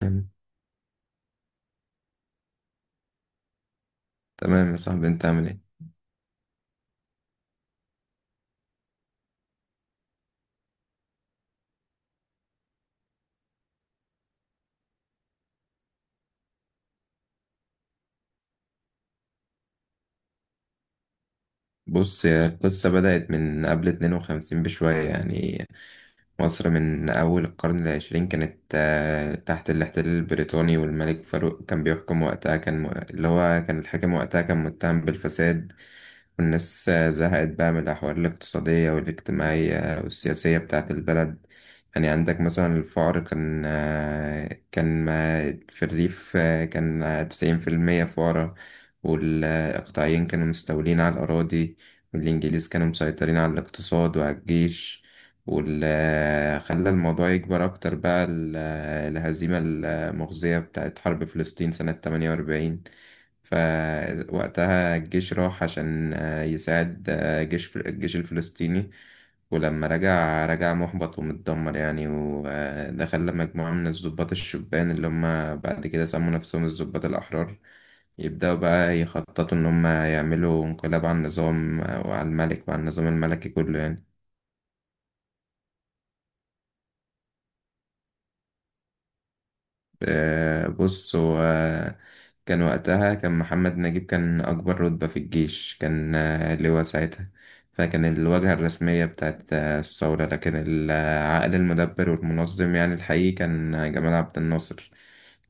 تمام، تمام، يا صاحبي، انت عامل ايه؟ بص يا، القصة بدأت من قبل 52 بشوية، يعني مصر من أول القرن العشرين كانت تحت الاحتلال البريطاني. والملك فاروق كان بيحكم وقتها، اللي هو كان الحاكم وقتها، كان متهم بالفساد. والناس زهقت بقى من الأحوال الاقتصادية والاجتماعية والسياسية بتاعة البلد. يعني عندك مثلا الفقر كان، في الريف، كان تسعين في المية فقراء. والإقطاعيين كانوا مستولين على الأراضي، والإنجليز كانوا مسيطرين على الاقتصاد وعلى الجيش. واللي خلى الموضوع يكبر أكتر بقى الهزيمة المخزية بتاعت حرب فلسطين سنة 48. فوقتها الجيش راح عشان يساعد الجيش الفلسطيني، ولما رجع رجع محبط ومتدمر، يعني وده خلى مجموعة من الضباط الشبان، اللي هم بعد كده سموا نفسهم الضباط الأحرار، يبدأوا بقى يخططوا إن هم يعملوا انقلاب على النظام، وعلى الملك وعلى النظام الملكي كله، يعني. بص هو، كان وقتها كان محمد نجيب، كان أكبر رتبة في الجيش، كان لواء ساعتها. فكان الواجهة الرسمية بتاعت الثورة، لكن العقل المدبر والمنظم، يعني الحقيقي، كان جمال عبد الناصر،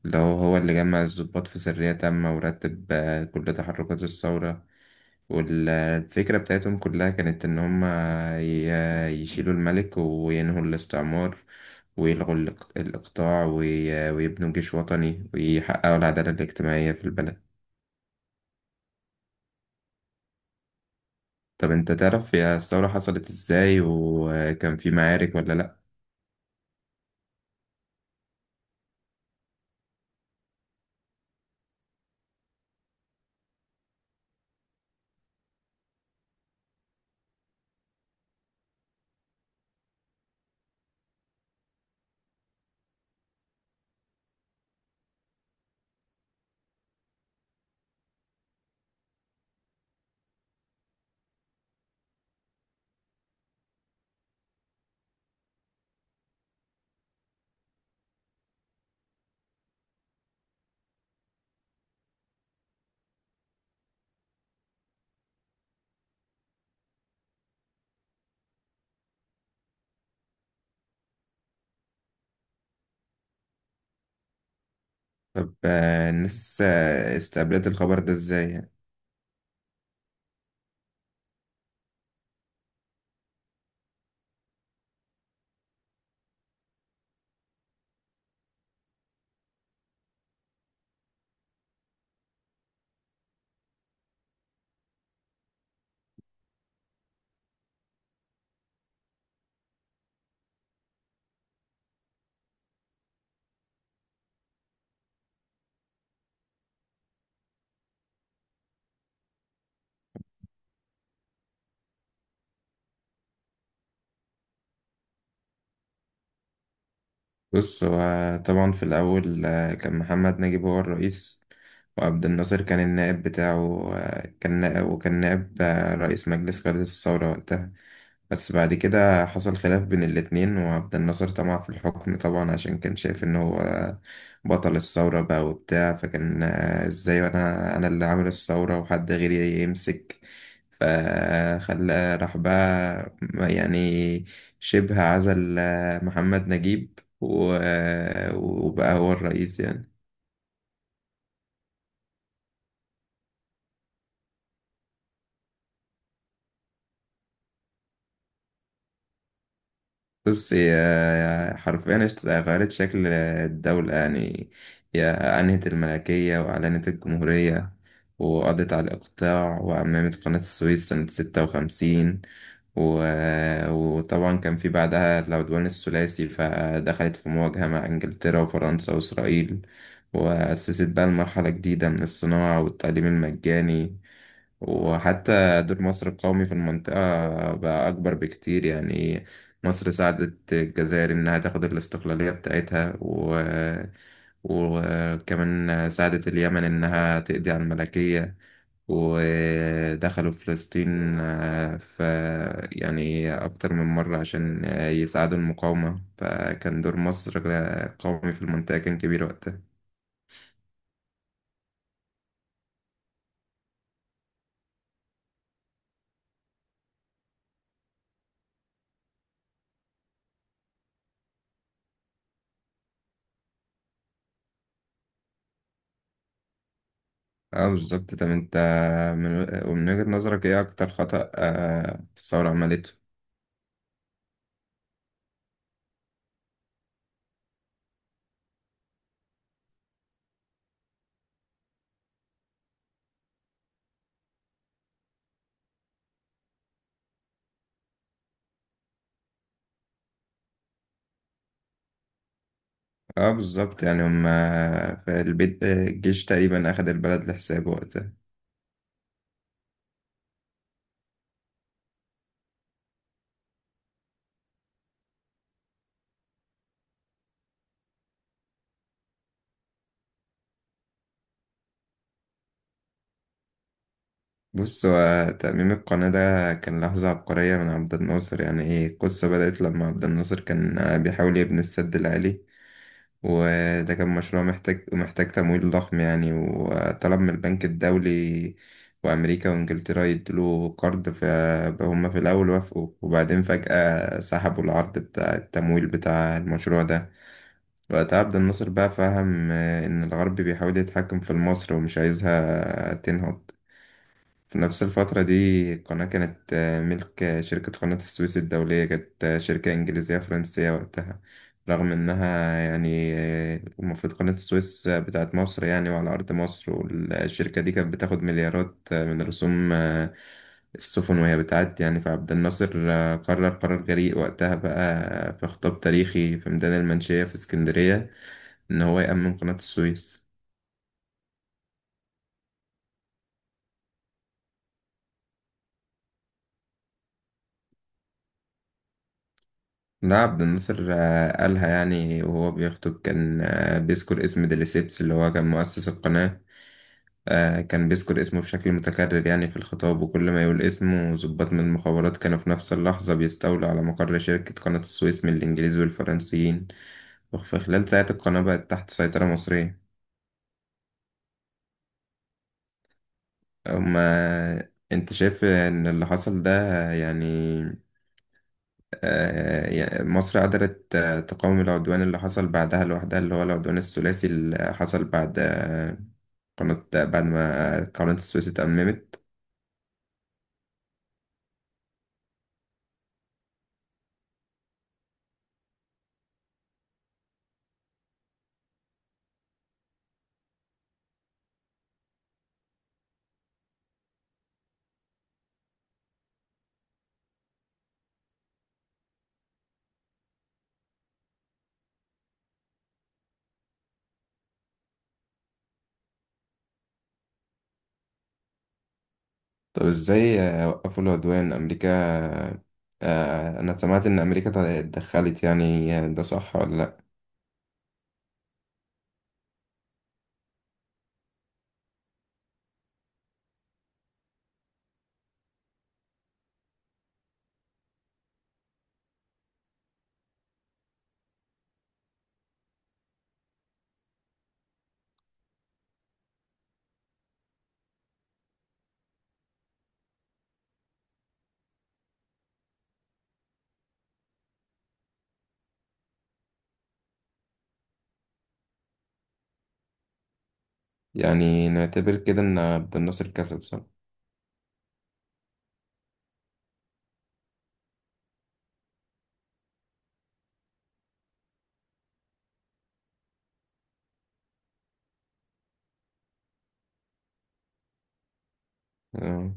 اللي هو هو اللي جمع الضباط في سرية تامة، ورتب كل تحركات الثورة. والفكرة بتاعتهم كلها كانت إن هما يشيلوا الملك وينهوا الاستعمار، ويلغوا الإقطاع، ويبنوا جيش وطني، ويحققوا العدالة الاجتماعية في البلد. طب أنت تعرف يا الثورة حصلت إزاي وكان في معارك ولا لأ؟ طب الناس استقبلت الخبر ده إزاي؟ يعني؟ بص هو، طبعا في الأول كان محمد نجيب هو الرئيس، وعبد الناصر كان النائب بتاعه، كان نائب، وكان نائب رئيس مجلس قيادة الثورة وقتها. بس بعد كده حصل خلاف بين الاتنين، وعبد الناصر طمع في الحكم طبعا، عشان كان شايف ان هو بطل الثورة بقى وبتاع، فكان ازاي انا اللي عامل الثورة وحد غيري يمسك، فخلى راح بقى، يعني شبه عزل محمد نجيب وبقى هو الرئيس، يعني. بص هي حرفيا غيرت شكل الدولة، يعني هي أنهت الملكية وأعلنت الجمهورية، وقضت على الإقطاع، وعممت قناة السويس سنة 56، و... وطبعا كان في بعدها العدوان الثلاثي، فدخلت في مواجهة مع إنجلترا وفرنسا وإسرائيل، وأسست بقى المرحلة الجديدة من الصناعة والتعليم المجاني، وحتى دور مصر القومي في المنطقة بقى أكبر بكتير، يعني. مصر ساعدت الجزائر إنها تاخد الاستقلالية بتاعتها، وكمان ساعدت اليمن إنها تقضي على الملكية، ودخلوا فلسطين، آه، ف يعني أكتر من مرة عشان يساعدوا المقاومة، فكان دور مصر قومي في المنطقة، كان كبير وقتها. اه بالظبط. طب انت، من وجهة نظرك ايه اكتر خطأ الثورة عملته؟ اه بالظبط، يعني هم في البيت، الجيش تقريبا اخد البلد لحسابه وقتها. بص هو ترميم القناة ده كان لحظة عبقرية من عبد الناصر، يعني ايه، القصة بدأت لما عبد الناصر كان بيحاول يبني السد العالي، وده كان مشروع محتاج تمويل ضخم، يعني وطلب من البنك الدولي وأمريكا وإنجلترا يدلوا قرض، فهم في الأول وافقوا وبعدين فجأة سحبوا العرض بتاع التمويل بتاع المشروع ده. وقتها عبد الناصر بقى فهم إن الغرب بيحاول يتحكم في مصر ومش عايزها تنهض. في نفس الفترة دي القناة كانت ملك شركة قناة السويس الدولية، كانت شركة إنجليزية فرنسية وقتها، رغم إنها يعني المفروض قناة السويس بتاعت مصر، يعني وعلى أرض مصر. والشركة دي كانت بتاخد مليارات من رسوم السفن وهي بتعدي، يعني فعبد الناصر قرر قرار جريء وقتها بقى في خطاب تاريخي في ميدان المنشية في اسكندرية، إن هو يأمن قناة السويس. ده عبد الناصر قالها يعني وهو بيخطب، كان بيذكر اسم ديليسيبس اللي هو كان مؤسس القناة، كان بيذكر اسمه بشكل متكرر يعني في الخطاب، وكل ما يقول اسمه ضباط من المخابرات كانوا في نفس اللحظة بيستولوا على مقر شركة قناة السويس من الإنجليز والفرنسيين، وفي خلال ساعة القناة بقت تحت سيطرة مصرية. أما أنت شايف إن اللي حصل ده، يعني مصر قدرت تقاوم العدوان اللي حصل بعدها لوحدها، اللي هو العدوان الثلاثي اللي حصل بعد ما قناة السويس اتأممت. طب ازاي وقفوا العدوان أمريكا؟ أنا سمعت إن أمريكا اتدخلت، يعني ده صح ولا لأ؟ يعني نعتبر كده إن عبد الناصر كسب، صح؟ آه.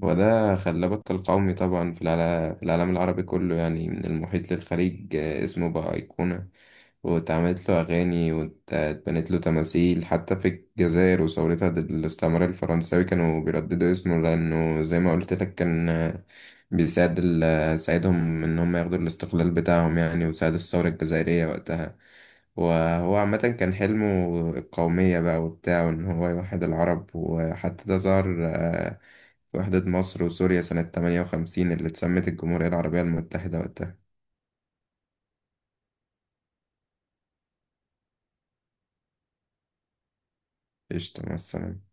وده خلى بطل قومي طبعا في في العالم العربي كله، يعني من المحيط للخليج اسمه بقى أيقونة، واتعملت له أغاني واتبنت له تماثيل حتى في الجزائر. وثورتها ضد الاستعمار الفرنساوي كانوا بيرددوا اسمه، لأنه زي ما قلت لك كان بيساعد ساعدهم إن هم ياخدوا الاستقلال بتاعهم، يعني وساعد الثورة الجزائرية وقتها. وهو عامة كان حلمه القومية بقى وبتاعه، إن هو يوحد العرب، وحتى ده ظهر وحدة مصر وسوريا سنة 58 اللي اتسمت الجمهورية العربية المتحدة وقتها. قشطة، مع السلامة.